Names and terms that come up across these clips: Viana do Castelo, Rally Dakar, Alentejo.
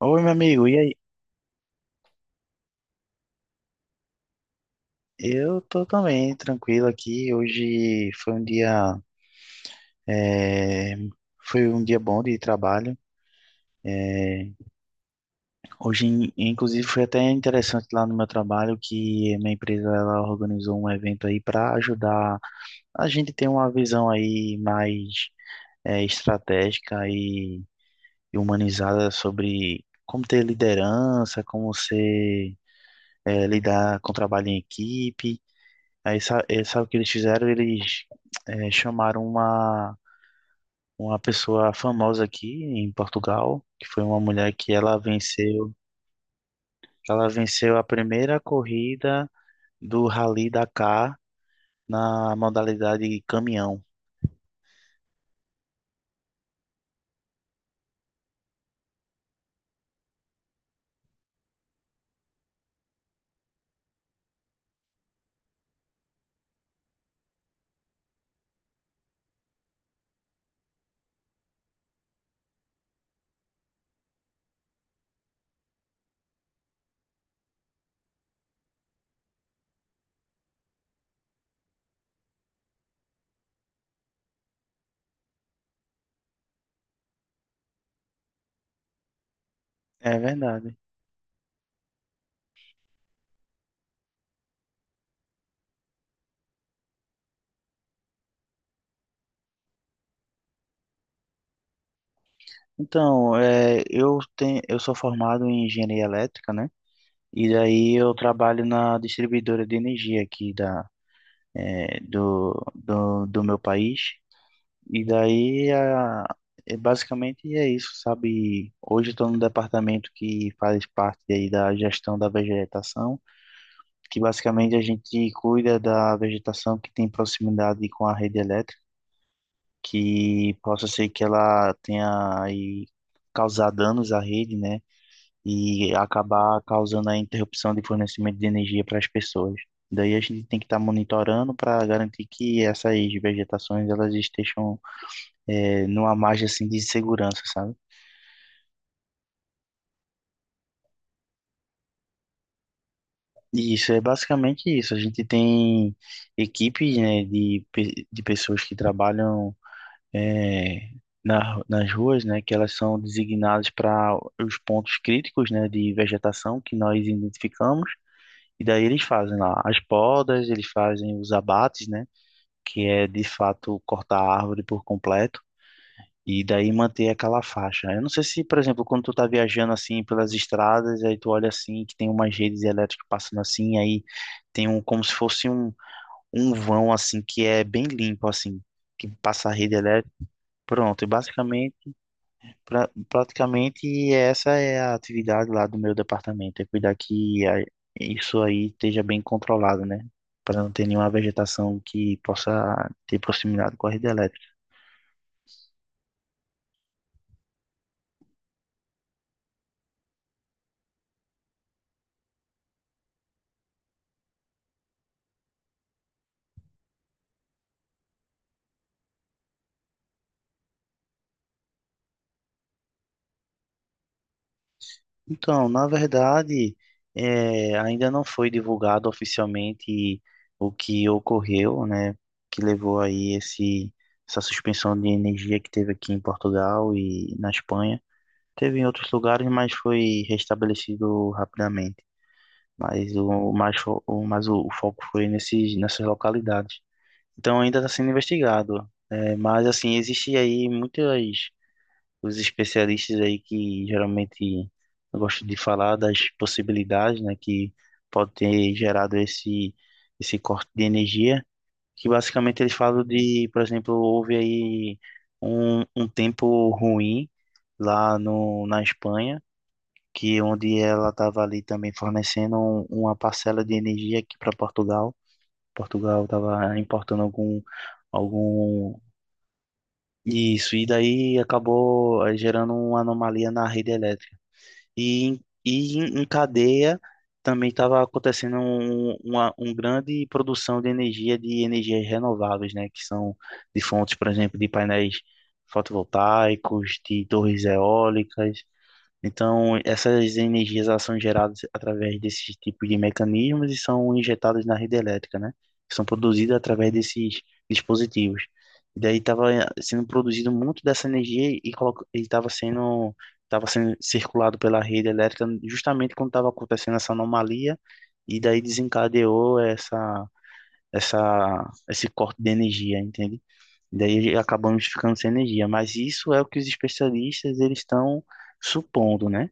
Oi, meu amigo, e aí? Eu tô também tranquilo aqui. Hoje foi um dia, é, foi um dia bom de trabalho. É, hoje, inclusive, foi até interessante lá no meu trabalho que minha empresa ela organizou um evento aí para ajudar a gente ter uma visão aí mais estratégica e humanizada sobre como ter liderança, como ser lidar com trabalho em equipe. Aí sabe o que eles fizeram? Eles chamaram uma pessoa famosa aqui em Portugal, que foi uma mulher que ela venceu a primeira corrida do Rally Dakar na modalidade caminhão. É verdade. Então, eu sou formado em engenharia elétrica, né? E daí eu trabalho na distribuidora de energia aqui da, eh, do, do, do meu país. E daí, é basicamente é isso, sabe? Hoje estou num departamento que faz parte aí da gestão da vegetação, que basicamente a gente cuida da vegetação que tem proximidade com a rede elétrica, que possa ser que ela tenha aí causar danos à rede, né? E acabar causando a interrupção de fornecimento de energia para as pessoas. Daí a gente tem que estar monitorando para garantir que essas vegetações elas estejam numa margem assim de segurança, sabe? E isso é basicamente isso. A gente tem equipes, né, de pessoas que trabalham é, nas ruas, né, que elas são designadas para os pontos críticos, né, de vegetação que nós identificamos. E daí eles fazem lá as podas, eles fazem os abates, né, que é de fato cortar a árvore por completo. E daí manter aquela faixa, né? Eu não sei se, por exemplo, quando tu tá viajando assim pelas estradas, aí tu olha assim, que tem umas redes elétricas passando assim, aí tem um como se fosse um vão assim que é bem limpo assim, que passa a rede elétrica. Pronto, e basicamente, praticamente essa é a atividade lá do meu departamento, é cuidar isso aí esteja bem controlado, né? Para não ter nenhuma vegetação que possa ter proximidade com a rede elétrica. Então, na verdade, ainda não foi divulgado oficialmente o que ocorreu, né, que levou aí essa suspensão de energia que teve aqui em Portugal e na Espanha. Teve em outros lugares, mas foi restabelecido rapidamente. Mas o mais, fo- o, mas o foco foi nesses, nessas localidades. Então ainda está sendo investigado. Mas assim, existe aí muitas os especialistas aí que geralmente gostam de falar das possibilidades, né, que pode ter gerado esse corte de energia, que basicamente eles falam de, por exemplo, houve aí um tempo ruim lá no, na Espanha, que onde ela estava ali também fornecendo uma parcela de energia aqui para Portugal. Portugal estava importando algum, isso, e daí acabou gerando uma anomalia na rede elétrica. E, em cadeia também estava acontecendo uma grande produção de energia de energias renováveis, né? Que são de fontes, por exemplo, de painéis fotovoltaicos, de torres eólicas. Então, essas energias elas são geradas através desses tipos de mecanismos e são injetadas na rede elétrica, né? São produzidas através desses dispositivos. E daí estava sendo produzido muito dessa energia e estava sendo, estava sendo circulado pela rede elétrica justamente quando estava acontecendo essa anomalia e daí desencadeou esse corte de energia, entende? E daí acabamos ficando sem energia. Mas isso é o que os especialistas eles estão supondo, né?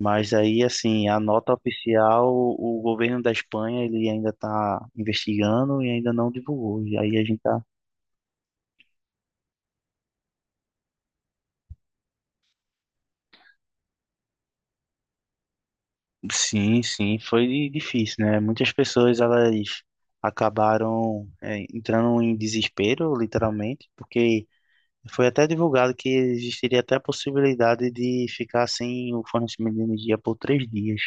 Mas aí, assim, a nota oficial, o governo da Espanha, ele ainda está investigando e ainda não divulgou. E aí a gente tá... Sim, sim, foi difícil, né? Muitas pessoas, elas acabaram entrando em desespero, literalmente, porque foi até divulgado que existiria até a possibilidade de ficar sem o fornecimento de energia por 3 dias.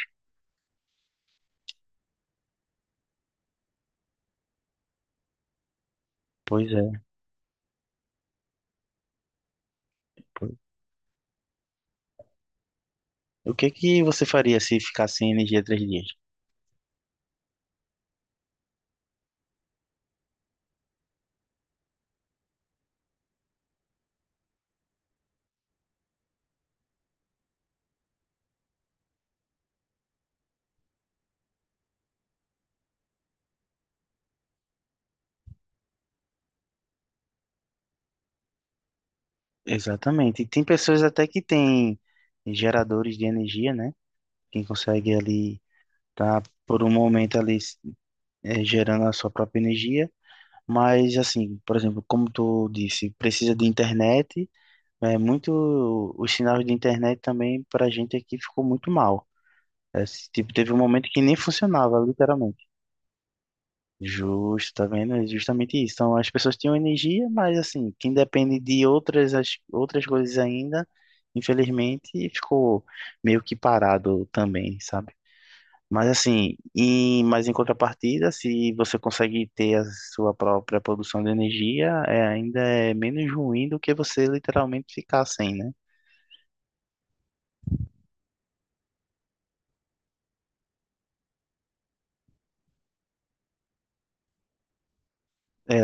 Pois é. pois- O que que você faria se ficar sem energia 3 dias? Exatamente. E tem pessoas até que têm geradores de energia, né? Quem consegue ali tá por um momento ali gerando a sua própria energia. Mas assim, por exemplo, como tu disse, precisa de internet. É muito os sinais de internet também para a gente aqui ficou muito mal. É, tipo, teve um momento que nem funcionava, literalmente. Justo, tá vendo? É justamente isso. Então, as pessoas tinham energia, mas assim, quem depende de outras, outras coisas ainda, infelizmente, ficou meio que parado também, sabe? Mas assim, mas em contrapartida, se você consegue ter a sua própria produção de energia, ainda é menos ruim do que você literalmente ficar sem, né? É,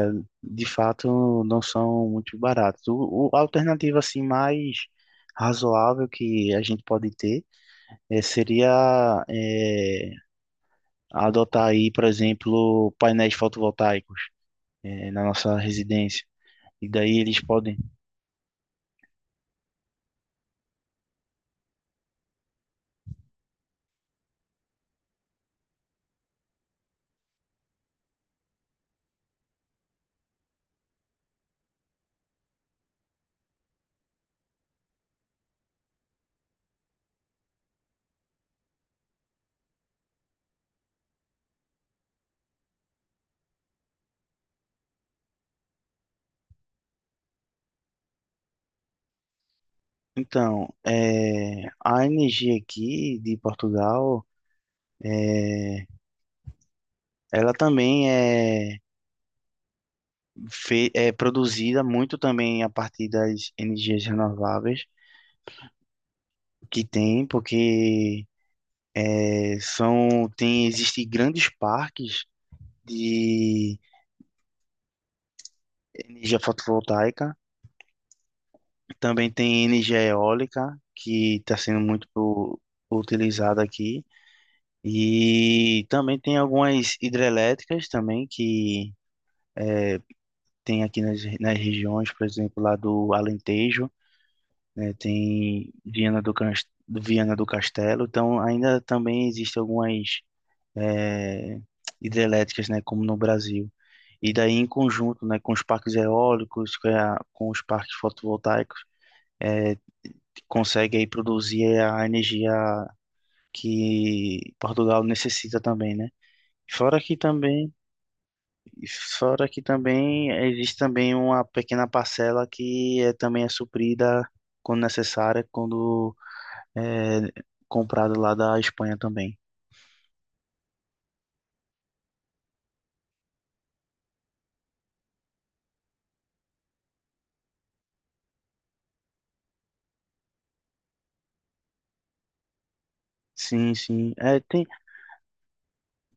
de fato, não são muito baratos. O, a alternativa assim mais razoável que a gente pode ter seria adotar aí, por exemplo, painéis fotovoltaicos na nossa residência. E daí eles podem. Então, a energia aqui de Portugal, é, ela também é produzida muito também a partir das energias renováveis que tem, porque é, são tem existe grandes parques de energia fotovoltaica. Também tem energia eólica, que está sendo muito utilizada aqui. E também tem algumas hidrelétricas também que eh, tem aqui nas regiões, por exemplo, lá do Alentejo, né, tem Viana do Castelo. Então, ainda também existem algumas eh, hidrelétricas, né, como no Brasil. E daí, em conjunto, né, com os parques eólicos, com os parques fotovoltaicos, é, consegue aí produzir a energia que Portugal necessita também, né? Fora que também, fora que também existe também uma pequena parcela que também é suprida quando necessária, quando é comprada lá da Espanha também. Sim, sim. É, tem,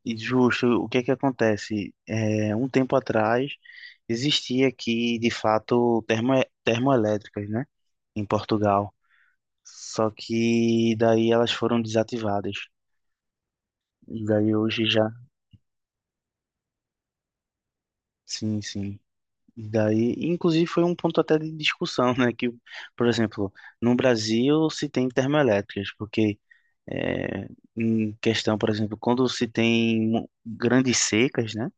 e justo, o que é que acontece? É, um tempo atrás existia aqui, de fato, termoelétricas, né? Em Portugal. Só que daí elas foram desativadas. E daí hoje já. Sim, sim. E daí, inclusive, foi um ponto até de discussão, né? Que, por exemplo, no Brasil se tem termoelétricas, porque é, em questão, por exemplo, quando se tem grandes secas, né?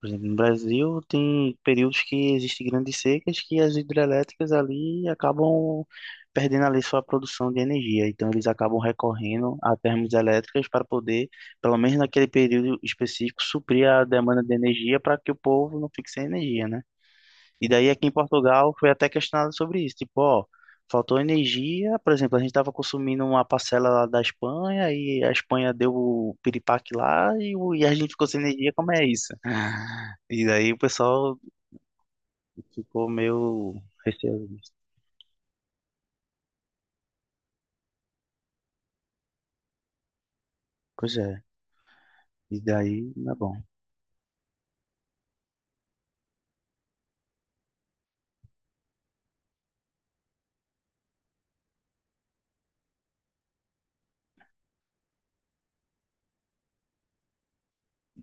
Por exemplo, no Brasil tem períodos que existem grandes secas que as hidrelétricas ali acabam perdendo ali sua produção de energia. Então eles acabam recorrendo a termoelétricas para poder, pelo menos naquele período específico, suprir a demanda de energia para que o povo não fique sem energia, né? E daí aqui em Portugal foi até questionado sobre isso, tipo, ó, faltou energia, por exemplo, a gente estava consumindo uma parcela lá da Espanha e a Espanha deu o piripaque lá e a gente ficou sem energia, como é isso? E daí o pessoal ficou meio receoso disso. Pois é, e daí, tá bom.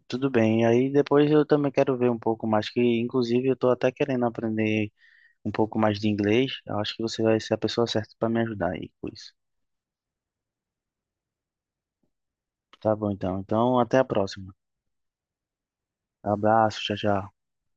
Tudo bem, aí depois eu também quero ver um pouco mais, que inclusive eu tô até querendo aprender um pouco mais de inglês, eu acho que você vai ser a pessoa certa para me ajudar aí com isso. Tá bom então, então até a próxima. Abraço, tchau, tchau.